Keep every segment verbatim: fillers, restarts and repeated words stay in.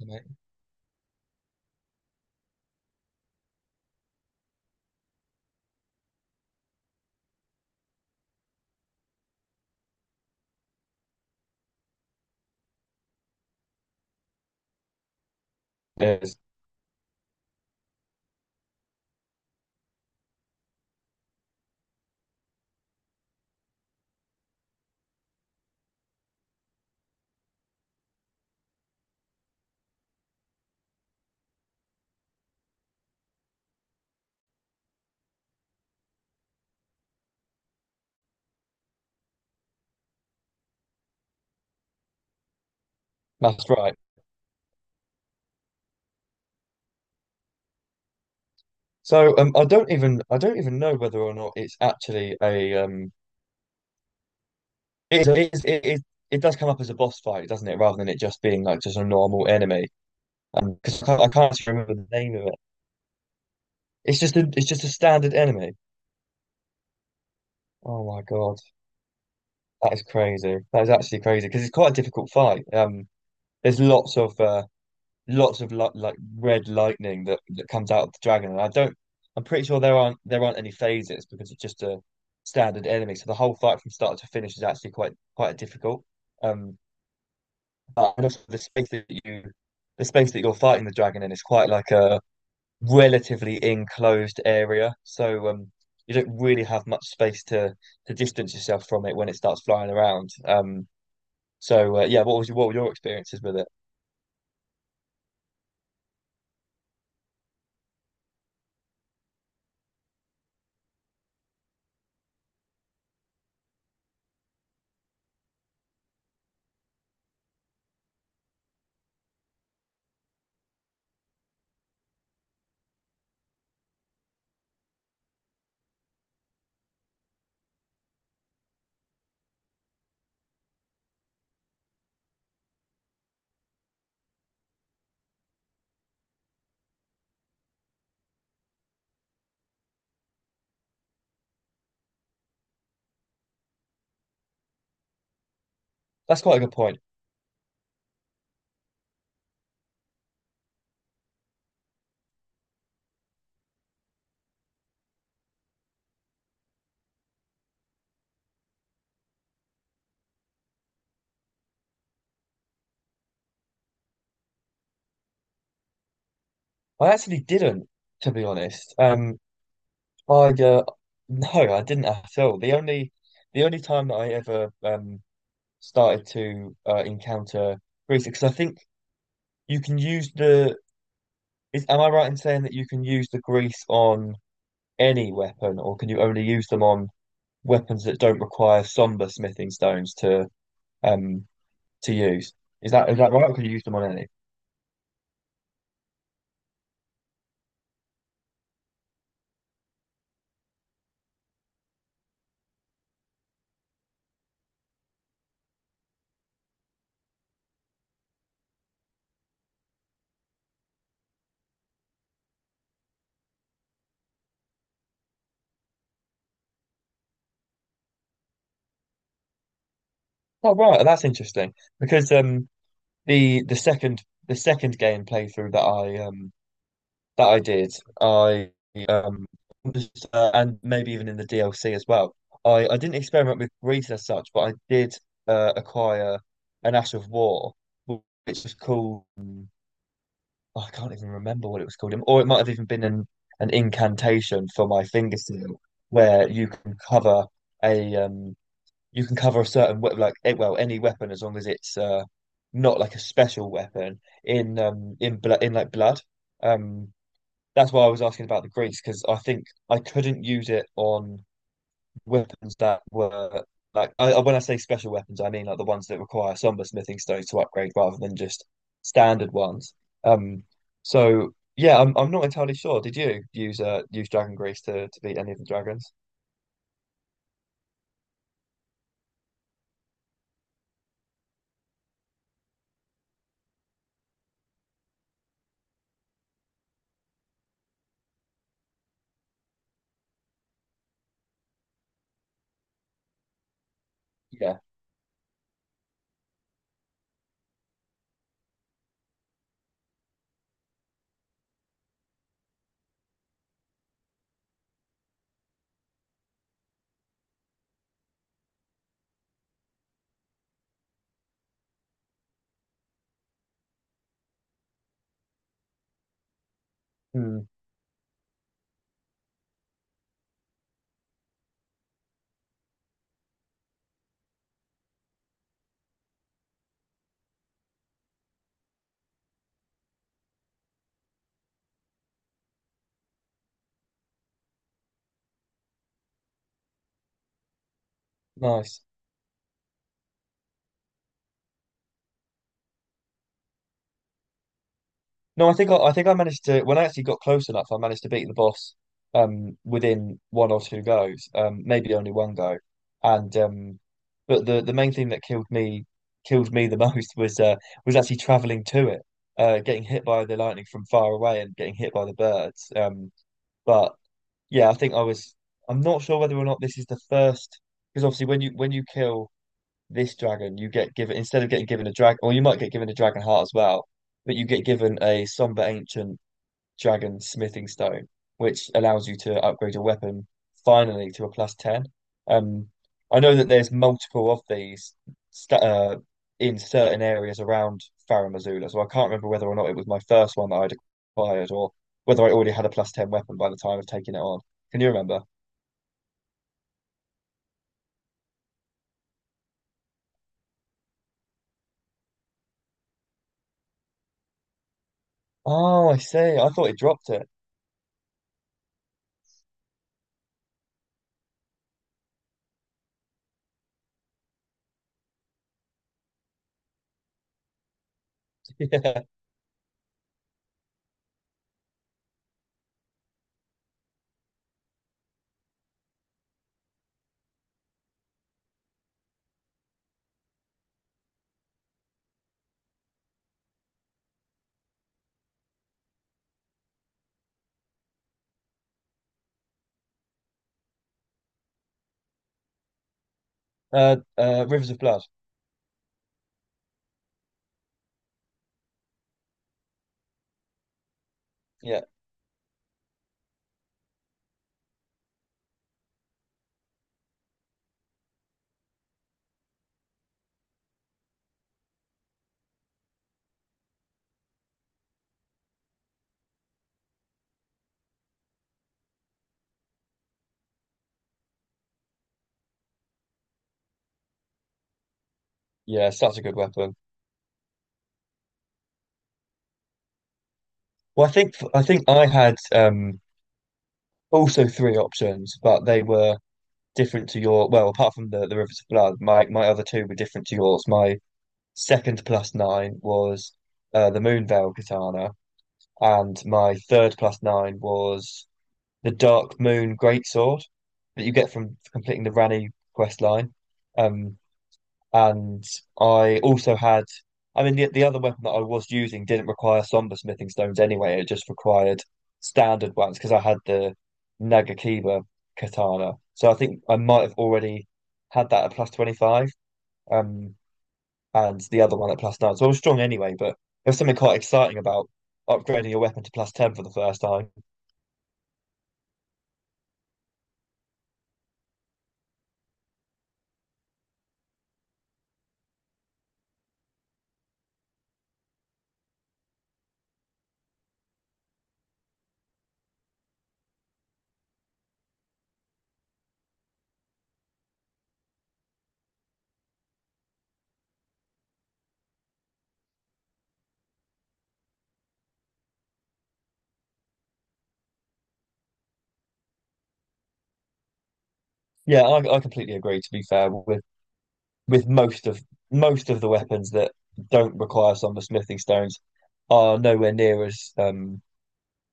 Mate. Yes. That's right. So um, I don't even I don't even know whether or not it's actually a um it it is, it is it does come up as a boss fight, doesn't it? Rather than it just being like just a normal enemy. Um, because I can't, I can't actually remember the name of it. It's just a it's just a standard enemy. Oh my God, that is crazy. That is actually crazy because it's quite a difficult fight. Um, there's lots of uh, lots of li like red lightning that that comes out of the dragon, and I don't. I'm pretty sure there aren't there aren't any phases because it's just a standard enemy. So the whole fight from start to finish is actually quite quite difficult. Um, but and also the space that you the space that you're fighting the dragon in is quite like a relatively enclosed area. So um, you don't really have much space to to distance yourself from it when it starts flying around. Um, so uh, yeah, what was your, what were your experiences with it? That's quite a good point. I actually didn't, to be honest. Um, I uh, no, I didn't at all. The only the only time that I ever um started to uh, encounter grease, because I think you can use the is am I right in saying that you can use the grease on any weapon, or can you only use them on weapons that don't require somber smithing stones to um to use? Is that is that right? Or can you use them on any? Oh, right, that's interesting because um the the second the second game playthrough that I um That I did. I um just, uh, and maybe even in the D L C as well. I I didn't experiment with breeds as such, but I did uh, acquire an Ash of War, wh- which was called um, I can't even remember what it was called, or it might have even been an an incantation for my finger seal, where you can cover a um you can cover a certain we like eh, well any weapon as long as it's uh not like a special weapon in um in blood in like blood. Um, that's why I was asking about the grease because I think I couldn't use it on weapons that were like I, I- when I say special weapons, I mean like the ones that require somber smithing stones to upgrade rather than just standard ones. Um, so yeah, I'm I'm not entirely sure. Did you use uh use dragon grease to to beat any of the dragons? Yeah. Hmm. Nice. No, I think I, I think I managed to when I actually got close enough, I managed to beat the boss um within one or two goes, um maybe only one go, and um but the the main thing that killed me killed me the most was uh was actually traveling to it, uh getting hit by the lightning from far away and getting hit by the birds. Um, but yeah, I think I was I'm not sure whether or not this is the first because obviously when you when you kill this dragon you get given instead of getting given a dragon or you might get given a dragon heart as well but you get given a somber ancient dragon smithing stone which allows you to upgrade your weapon finally to a plus ten. um I know that there's multiple of these sta uh, in certain areas around Farum Azula, so I can't remember whether or not it was my first one that I'd acquired or whether I already had a plus ten weapon by the time of taking it on. Can you remember? Oh, I see, I thought it dropped it. Yeah. Uh, uh, Rivers of Blood. Yeah. Yeah, such a good weapon. Well, I think I think I had um, also three options, but they were different to your. Well, apart from the the Rivers of Blood, my my other two were different to yours. My second plus nine was uh, the Moonveil Katana, and my third plus nine was the Dark Moon Greatsword that you get from completing the Rani quest line. Um, And I also had, I mean, the, the other weapon that I was using didn't require somber smithing stones anyway. It just required standard ones because I had the Nagakiba katana. So I think I might have already had that at plus twenty-five, um, and the other one at plus nine. So I was strong anyway, but there was something quite exciting about upgrading your weapon to plus ten for the first time. Yeah, I, I completely agree, to be fair, with with most of most of the weapons that don't require some of the smithing stones are nowhere near as um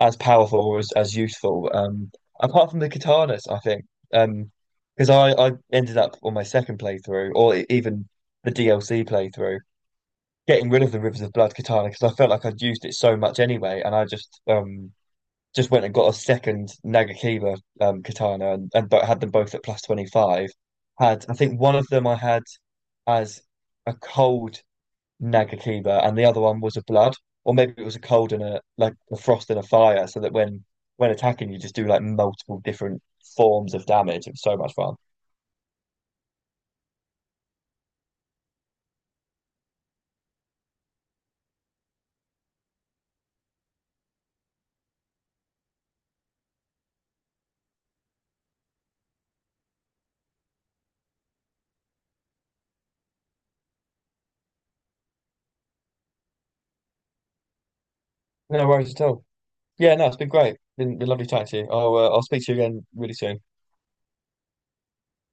as powerful or as, as useful. Um, apart from the katanas, I think. Um, because I I ended up on my second playthrough or e- even the D L C playthrough getting rid of the Rivers of Blood katana because I felt like I'd used it so much anyway, and I just um just went and got a second Nagakiba um, katana and, and had them both at plus twenty-five. Had, I think one of them I had as a cold Nagakiba and the other one was a blood, or maybe it was a cold and a like a frost and a fire, so that when when attacking you just do like multiple different forms of damage. It was so much fun. No worries at all. Yeah, no, it's been great. Been, been lovely chatting to you. I'll uh, I'll speak to you again really soon.